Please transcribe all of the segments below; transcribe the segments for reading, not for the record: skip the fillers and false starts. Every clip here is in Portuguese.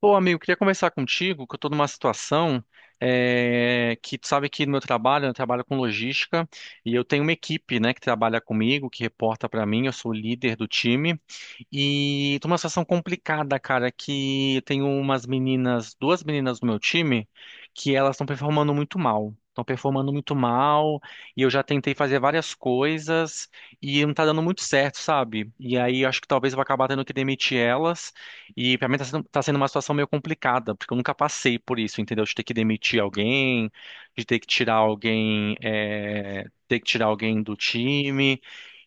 Pô, amigo, queria conversar contigo, que eu tô numa situação que tu sabe que no meu trabalho, né, eu trabalho com logística e eu tenho uma equipe, né, que trabalha comigo, que reporta pra mim, eu sou o líder do time e tô numa situação complicada, cara, que eu tenho umas meninas, duas meninas do meu time que elas estão performando muito mal. Estão performando muito mal, e eu já tentei fazer várias coisas e não tá dando muito certo, sabe? E aí acho que talvez eu vou acabar tendo que demitir elas. E pra mim tá sendo uma situação meio complicada, porque eu nunca passei por isso, entendeu? De ter que demitir alguém, de ter que tirar alguém, ter que tirar alguém do time.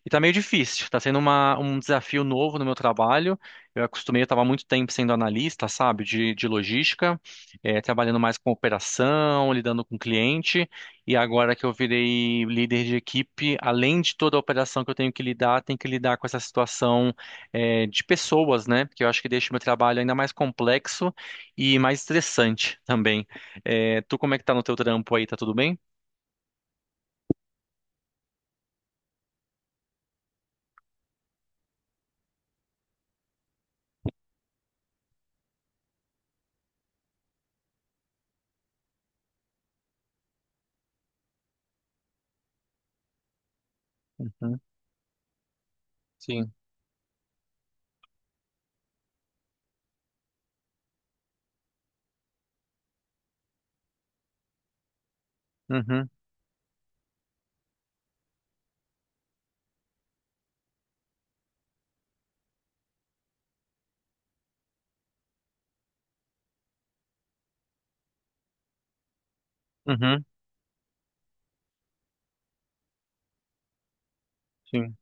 E tá meio difícil, tá sendo um desafio novo no meu trabalho. Eu acostumei, eu estava muito tempo sendo analista, sabe, de logística, trabalhando mais com operação, lidando com cliente. E agora que eu virei líder de equipe, além de toda a operação que eu tenho que lidar, tem que lidar com essa situação de pessoas, né? Porque eu acho que deixa o meu trabalho ainda mais complexo e mais estressante também. É, tu, como é que tá no teu trampo aí? Tá tudo bem? Uhum, sim. Uhum, uhum, sim.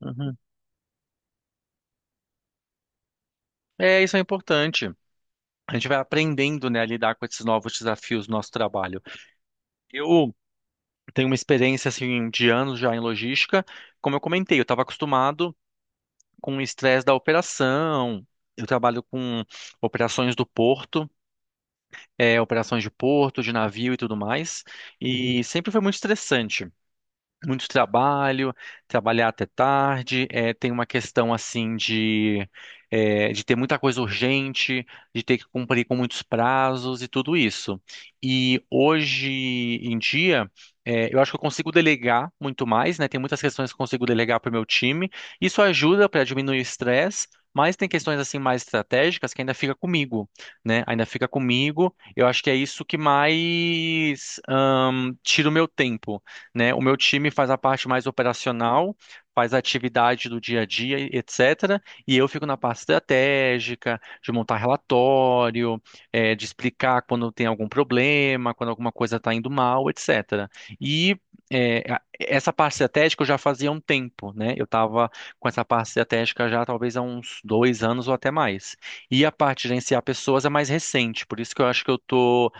Uhum. É, isso é importante. A gente vai aprendendo, né, a lidar com esses novos desafios do nosso trabalho. Eu tenho uma experiência, assim, de anos já em logística. Como eu comentei, eu estava acostumado com o estresse da operação. Eu trabalho com operações do porto. Operações de porto, de navio e tudo mais. E sempre foi muito estressante muito trabalho, trabalhar até tarde, tem uma questão assim de, ter muita coisa urgente, de ter que cumprir com muitos prazos e tudo isso. E hoje em dia, eu acho que eu consigo delegar muito mais, né? Tem muitas questões que eu consigo delegar para o meu time. Isso ajuda para diminuir o estresse. Mas tem questões assim mais estratégicas que ainda fica comigo, né? Ainda fica comigo. Eu acho que é isso que mais, tira o meu tempo, né? O meu time faz a parte mais operacional, faz a atividade do dia a dia, e etc. E eu fico na parte estratégica, de montar relatório, de explicar quando tem algum problema, quando alguma coisa está indo mal, etc. E essa parte estratégica eu já fazia há um tempo, né? Eu estava com essa parte estratégica já talvez há uns 2 anos ou até mais. E a parte de gerenciar pessoas é mais recente, por isso que eu acho que eu estou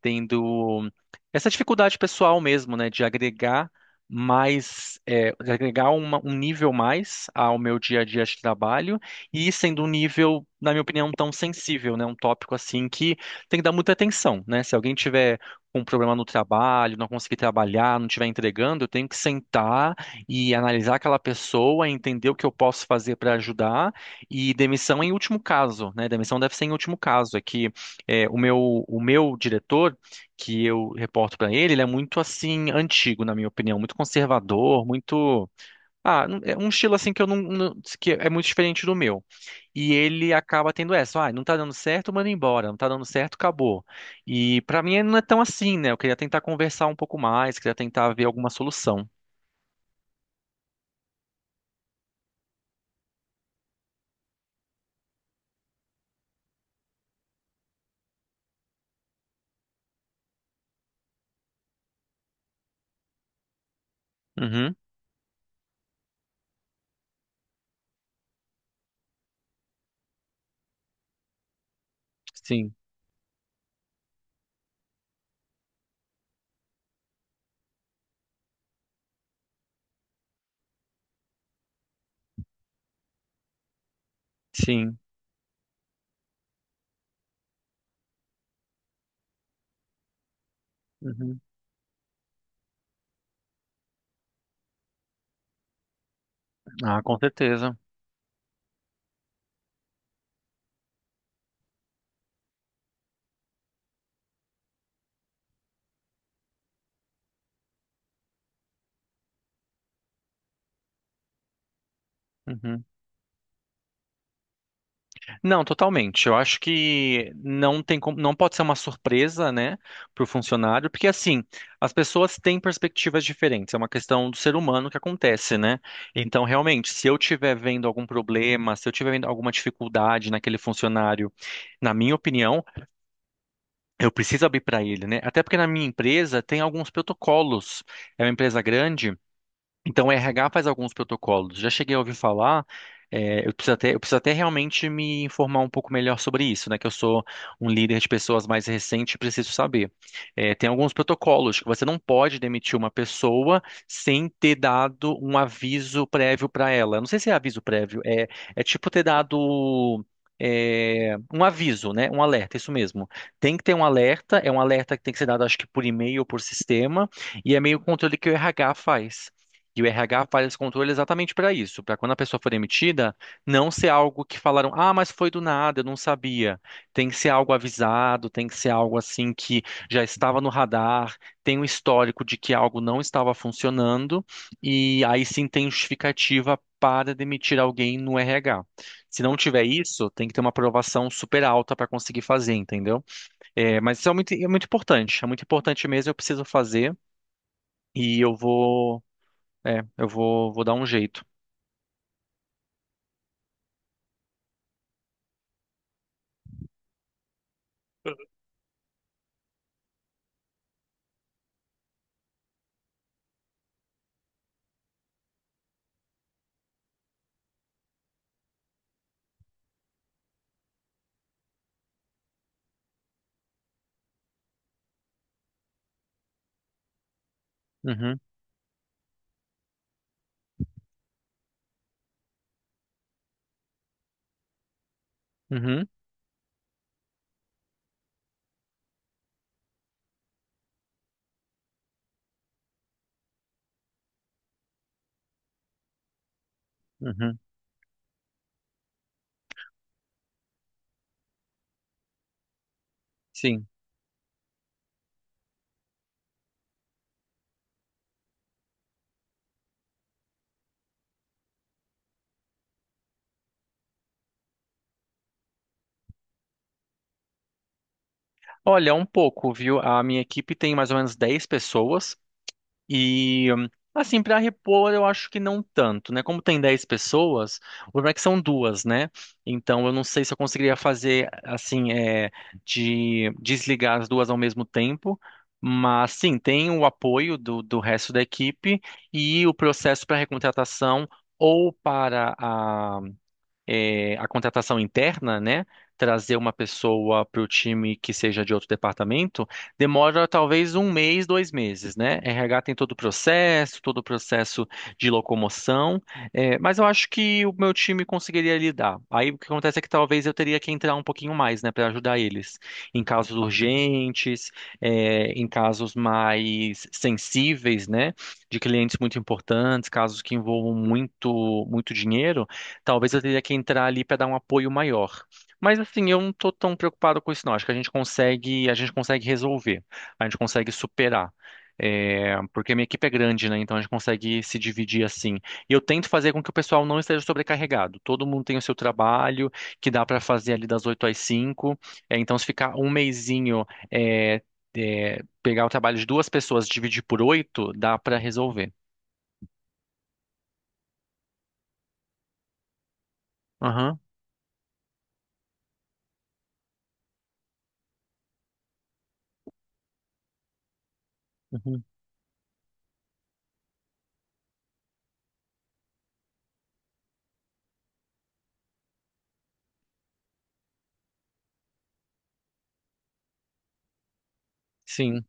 tendo. Essa dificuldade pessoal mesmo, né, de agregar mais, de agregar um nível mais ao meu dia a dia de trabalho e sendo um nível, na minha opinião, tão sensível, né, um tópico assim que tem que dar muita atenção, né? Se alguém tiver um problema no trabalho, não conseguir trabalhar, não estiver entregando, eu tenho que sentar e analisar aquela pessoa, entender o que eu posso fazer para ajudar e demissão em último caso, né? Demissão deve ser em último caso, é que o meu diretor que eu reporto pra ele, ele é muito assim antigo, na minha opinião, muito conservador, muito é um estilo assim que eu que é muito diferente do meu. E ele acaba tendo essa, ah, não tá dando certo, manda embora, não tá dando certo, acabou. E pra mim não é tão assim, né? Eu queria tentar conversar um pouco mais, queria tentar ver alguma solução. Uhum. Sim. Sim. Uhum. Ah, com certeza. Uhum. Não, totalmente. Eu acho que não tem como, não pode ser uma surpresa, né, para o funcionário, porque assim, as pessoas têm perspectivas diferentes, é uma questão do ser humano que acontece, né? Então, realmente, se eu estiver vendo algum problema, se eu estiver vendo alguma dificuldade naquele funcionário, na minha opinião, eu preciso abrir para ele, né? Até porque na minha empresa tem alguns protocolos. É uma empresa grande. Então, o RH faz alguns protocolos. Já cheguei a ouvir falar, eu preciso até realmente me informar um pouco melhor sobre isso, né? Que eu sou um líder de pessoas mais recente e preciso saber. É, tem alguns protocolos que você não pode demitir uma pessoa sem ter dado um aviso prévio para ela. Não sei se é aviso prévio, é tipo ter dado. Um aviso, né? Um alerta, isso mesmo. Tem que ter um alerta, é um alerta que tem que ser dado, acho que por e-mail ou por sistema, e é meio controle que o RH faz. E o RH faz esse controle exatamente para isso, para quando a pessoa for demitida, não ser algo que falaram, ah, mas foi do nada, eu não sabia. Tem que ser algo avisado, tem que ser algo assim que já estava no radar, tem um histórico de que algo não estava funcionando, e aí sim tem justificativa para demitir alguém no RH. Se não tiver isso, tem que ter uma aprovação super alta para conseguir fazer, entendeu? É, mas isso é muito importante mesmo, eu preciso fazer. E eu vou eu vou, vou dar um jeito. Uhum, uhum, uhum. Sim. Olha, um pouco, viu? A minha equipe tem mais ou menos 10 pessoas e, assim, para repor, eu acho que não tanto, né? Como tem 10 pessoas, o problema é que são duas, né? Então, eu não sei se eu conseguiria fazer, assim, de desligar as duas ao mesmo tempo. Mas sim, tem o apoio do resto da equipe e o processo para recontratação ou para a contratação interna, né? Trazer uma pessoa para o time que seja de outro departamento, demora talvez um mês, 2 meses, né? RH tem todo o processo de locomoção, mas eu acho que o meu time conseguiria lidar. Aí o que acontece é que talvez eu teria que entrar um pouquinho mais, né, para ajudar eles em casos urgentes, em casos mais sensíveis, né, de clientes muito importantes, casos que envolvam muito, muito dinheiro. Talvez eu teria que entrar ali para dar um apoio maior. Mas assim, eu não tô tão preocupado com isso, não. Acho que a gente consegue resolver, a gente consegue superar. É, porque a minha equipe é grande, né? Então a gente consegue se dividir assim. E eu tento fazer com que o pessoal não esteja sobrecarregado. Todo mundo tem o seu trabalho, que dá para fazer ali das 8 às 5. É, então, se ficar um mesinho, é, pegar o trabalho de duas pessoas, dividir por 8, dá para resolver. Aham, uhum, sim.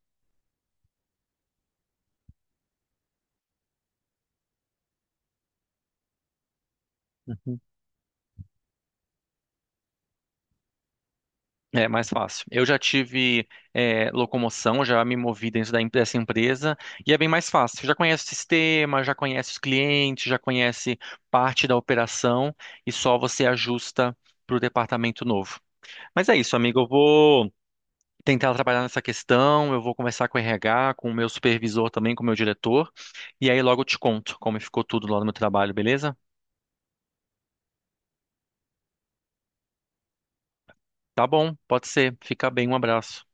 É mais fácil. Eu já tive locomoção, já me movi dentro dessa empresa e é bem mais fácil. Já conhece o sistema, já conhece os clientes, já conhece parte da operação e só você ajusta para o departamento novo. Mas é isso, amigo. Eu vou tentar trabalhar nessa questão. Eu vou conversar com o RH, com o meu supervisor também, com o meu diretor. E aí logo eu te conto como ficou tudo lá no meu trabalho, beleza? Tá bom, pode ser. Fica bem, um abraço.